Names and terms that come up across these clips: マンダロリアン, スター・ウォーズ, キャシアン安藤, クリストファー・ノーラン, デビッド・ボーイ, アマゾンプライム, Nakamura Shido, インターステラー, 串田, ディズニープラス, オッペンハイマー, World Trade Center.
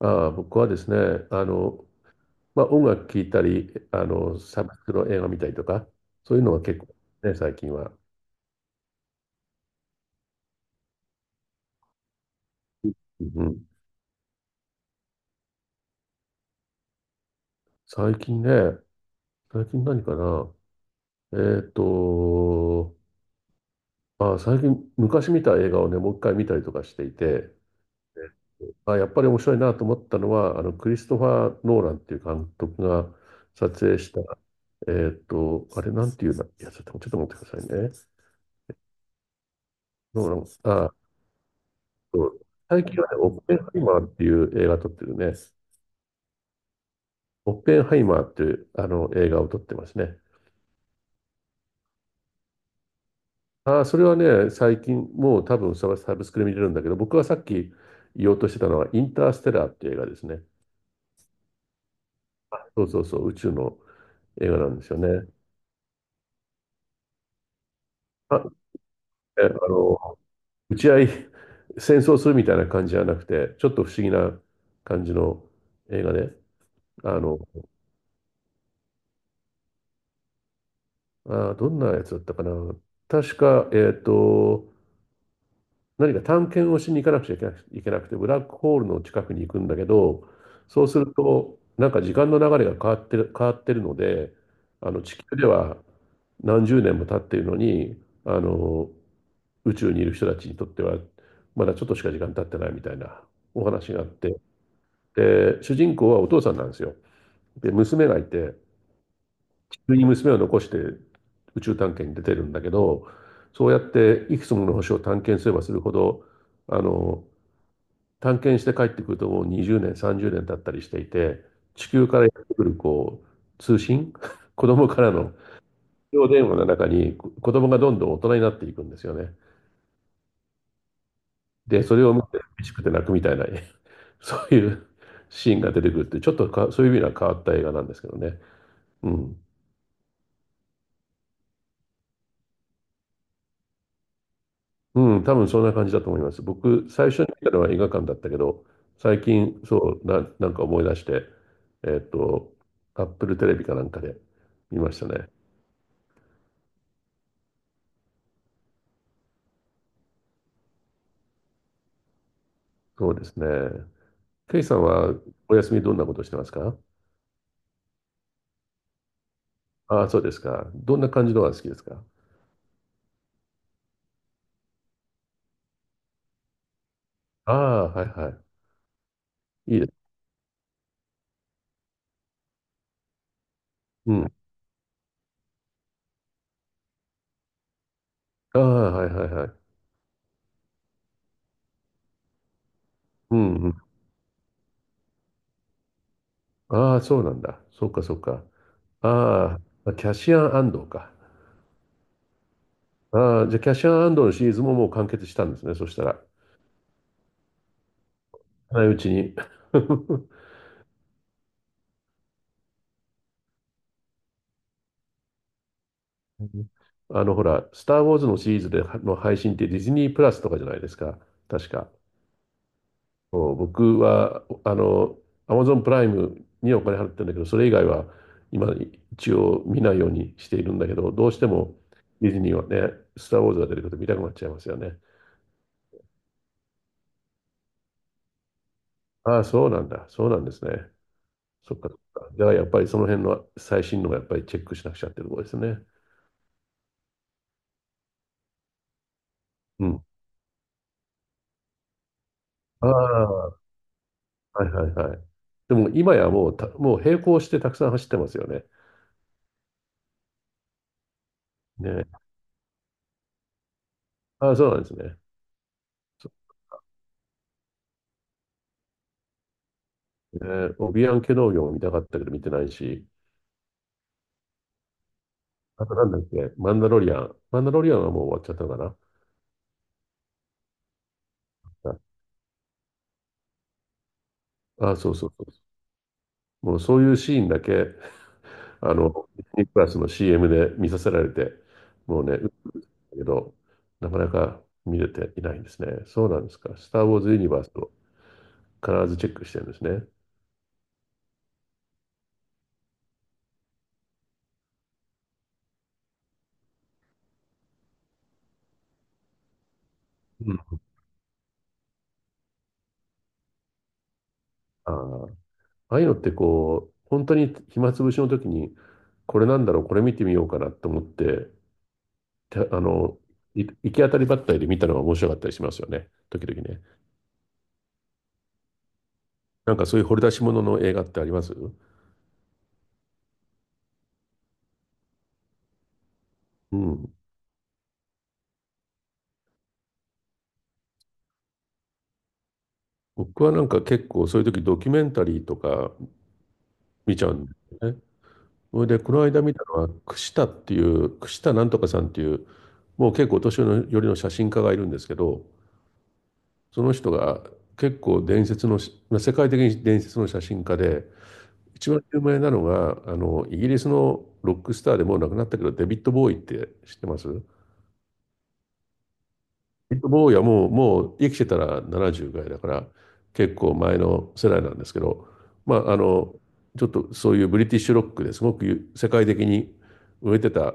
ああ、僕はですね、まあ、音楽聴いたり、サブスクの映画見たりとか、そういうのは結構ね、最近は。うん、最近ね、最近何かな。えーっと、あ、最近昔見た映画をね、もう一回見たりとかしていて、あ、やっぱり面白いなと思ったのは、あのクリストファー・ノーランっていう監督が撮影した、あれなんていうんだ、いや、ちょっと待ってくださいね。ノーラン、あ、うん、最近はね、オッペンハイマーっていう映画撮ってるね。オッペンハイマーっていうあの映画を撮ってますね。ああ、それはね、最近、もう多分サブスクで見れるんだけど、僕はさっき言おうとしてたのは、インターステラーっていう映画ですね。そうそうそう、宇宙の映画なんですよね。あ、え、打ち合い、戦争するみたいな感じじゃなくて、ちょっと不思議な感じの映画で、あの、あー、どんなやつだったかな。確か、何か探検をしに行かなくちゃいけなくて、ブラックホールの近くに行くんだけど、そうすると、なんか時間の流れが変わってるので、あの地球では何十年も経っているのに、あの宇宙にいる人たちにとっては、まだちょっとしか時間経ってないみたいなお話があって、で、主人公はお父さんなんですよ。で、娘がいて、地球に娘を残して宇宙探検に出てるんだけど、そうやっていくつもの星を探検すればするほど、あの探検して帰ってくるともう20年、30年経ったりしていて、地球からやってくるこう通信、子供からの非常電話の中に子供がどんどん大人になっていくんですよね。で、それを見て嬉しくて泣くみたいな、そういうシーンが出てくるって、ちょっとかそういう意味では変わった映画なんですけどね。うん。うん、多分そんな感じだと思います。僕、最初に見たのは映画館だったけど、最近、そう、なんか思い出して、えっと、アップルテレビかなんかで見ましたね。そうですね。ケイさんはお休みどんなことしてますか？ああ、そうですか。どんな感じのが好きですか？ああ、はいはい。いいです。うん。ああ、はいはいはい。うんうん。ああ、そうなんだ。そっかそっか。ああ、キャシアン安藤か。ああ、じゃあキャシアン安藤のシリーズももう完結したんですね。そしたら。ないうちに。あの、ほら、スター・ウォーズのシリーズでの配信ってディズニープラスとかじゃないですか。確か。僕は、あの、アマゾンプライムにお金払ってるんだけど、それ以外は今一応見ないようにしているんだけど、どうしてもディズニーはね、スター・ウォーズが出てくると見たくなっちゃいますよね。ああ、そうなんだ。そうなんですね。そっかそっか。じゃあやっぱりその辺の最新のがやっぱりチェックしなくちゃっていうところですね。うん。ああ、はいはいはい。でも今やもうもう並行してたくさん走ってますよね。ね。ああ、そうなんですね。そうね、オビアンケ農業も見たかったけど見てないし、あとなんだっけ、マンダロリアン。マンダロリアンはもう終わっちゃったのかな。あ、そうそうそうそう。もうそういうシーンだけ、あの、ディズニープラスの CM で見させられて、もうね、うん、だけど、なかなか見れていないんですね。そうなんですか。スター・ウォーズ・ユニバースを必ずチェックしてるんですね。うん。ああ、ああいうのってこう、本当に暇つぶしの時に、これなんだろう、これ見てみようかなと思って、あの、行き当たりばったりで見たのが面白かったりしますよね。時々ね。なんかそういう掘り出し物の映画ってありますう？ん。僕はなんか結構そういう時ドキュメンタリーとか見ちゃうんですよね。それでこの間見たのは串田っていう串田なんとかさんっていうもう結構お年寄りの写真家がいるんですけど、その人が結構伝説のし世界的に伝説の写真家で、一番有名なのがあのイギリスのロックスターでもう亡くなったけどデビッド・ボーイって知ってます？坊やもう、もう生きてたら70ぐらいだから、結構前の世代なんですけど、まあ、あの、ちょっとそういうブリティッシュロックですごく世界的に売れてた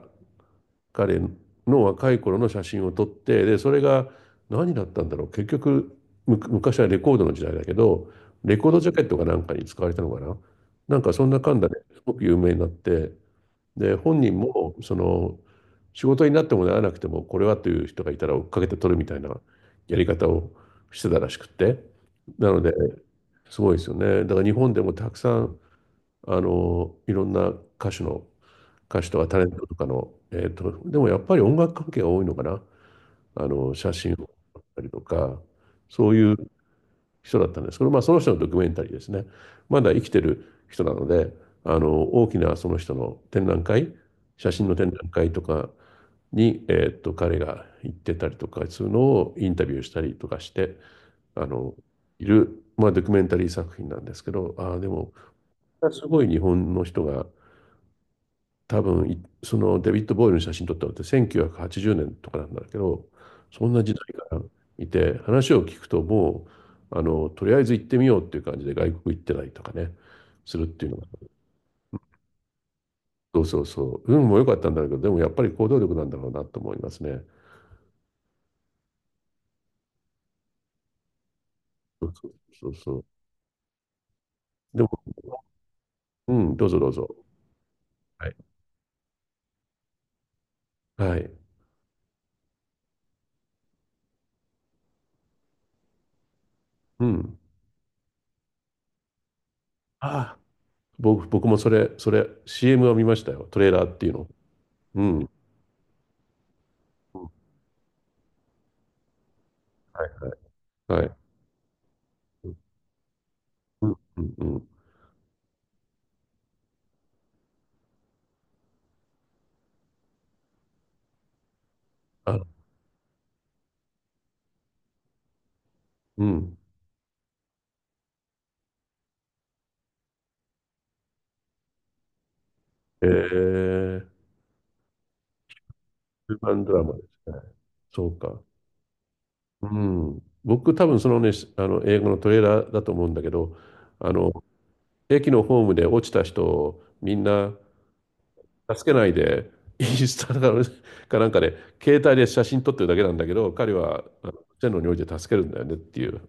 彼の若い頃の写真を撮って、で、それが何だったんだろう。結局、昔はレコードの時代だけど、レコードジャケットかなんかに使われたのかな。なんかそんなかんだですごく有名になって、で、本人も、その、仕事になってもならなくても、これはという人がいたら追っかけて取るみたいなやり方をしてたらしくって。なので、すごいですよね。だから日本でもたくさん、あの、いろんな歌手の、歌手とかタレントとかの、でもやっぱり音楽関係が多いのかな。あの、写真を撮ったりとか、そういう人だったんですけど、まあ、その人のドキュメンタリーですね。まだ生きてる人なので、あの大きなその人の展覧会、写真の展覧会とかに、彼が行ってたりとかするのをインタビューしたりとかして、あのいる、まあ、ドキュメンタリー作品なんですけど、ああでもすごい日本の人が多分い、そのデビッド・ボーイの写真撮ったのって1980年とかなんだけど、そんな時代からいて話を聞くと、うあのとりあえず行ってみようっていう感じで外国行ってないとかね、するっていうのが、そうそうそう、運も良かったんだけど、でもやっぱり行動力なんだろうなと思いますね。そうそうそうそうでも、うん、どうぞどうぞ。はいはい、うん、ああ、僕もそれ、それ CM を見ましたよ、トレーラーっていうの、うん、はいはい、うんうんうん、あ、うん、えー、ヒューマンドラマですね。そうか。うん。僕、多分そのね、あの英語のトレーラーだと思うんだけど、あの、駅のホームで落ちた人をみんな助けないで、インスタかなんかで、携帯で写真撮ってるだけなんだけど、彼はあの線路において助けるんだよねっていう、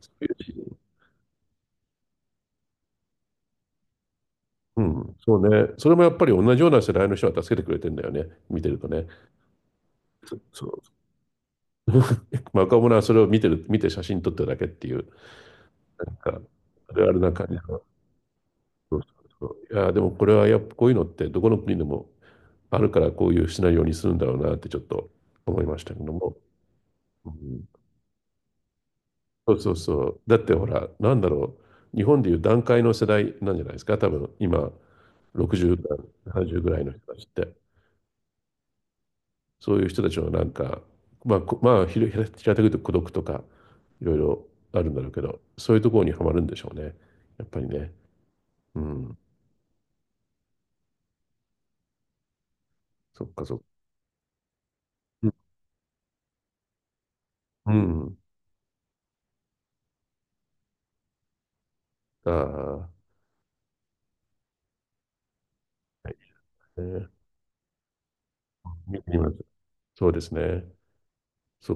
そういうシーン、うん、そうね。それもやっぱり同じような世代の人は助けてくれてんだよね、見てるとね。そう。まあ、若者はそれを見てる、見て写真撮ってるだけっていう。なんか、あるあるな感じの。そうそうそう、いや、でもこれはやっぱこういうのってどこの国でもあるからこういうシナリオにするんだろうなってちょっと思いましたけども。うん、そうそうそう。だってほら、なんだろう。日本でいう団塊の世代なんじゃないですか。多分今、60代、70ぐらいの人たちって。そういう人たちのなんか、まあ、まあ、平たく言うと孤独とか、いろいろあるんだろうけど、そういうところにはまるんでしょうね。やっぱりね。うん。そっかそっか。うん。うん、ああ、はい、えー、見てみます。そうですね。そ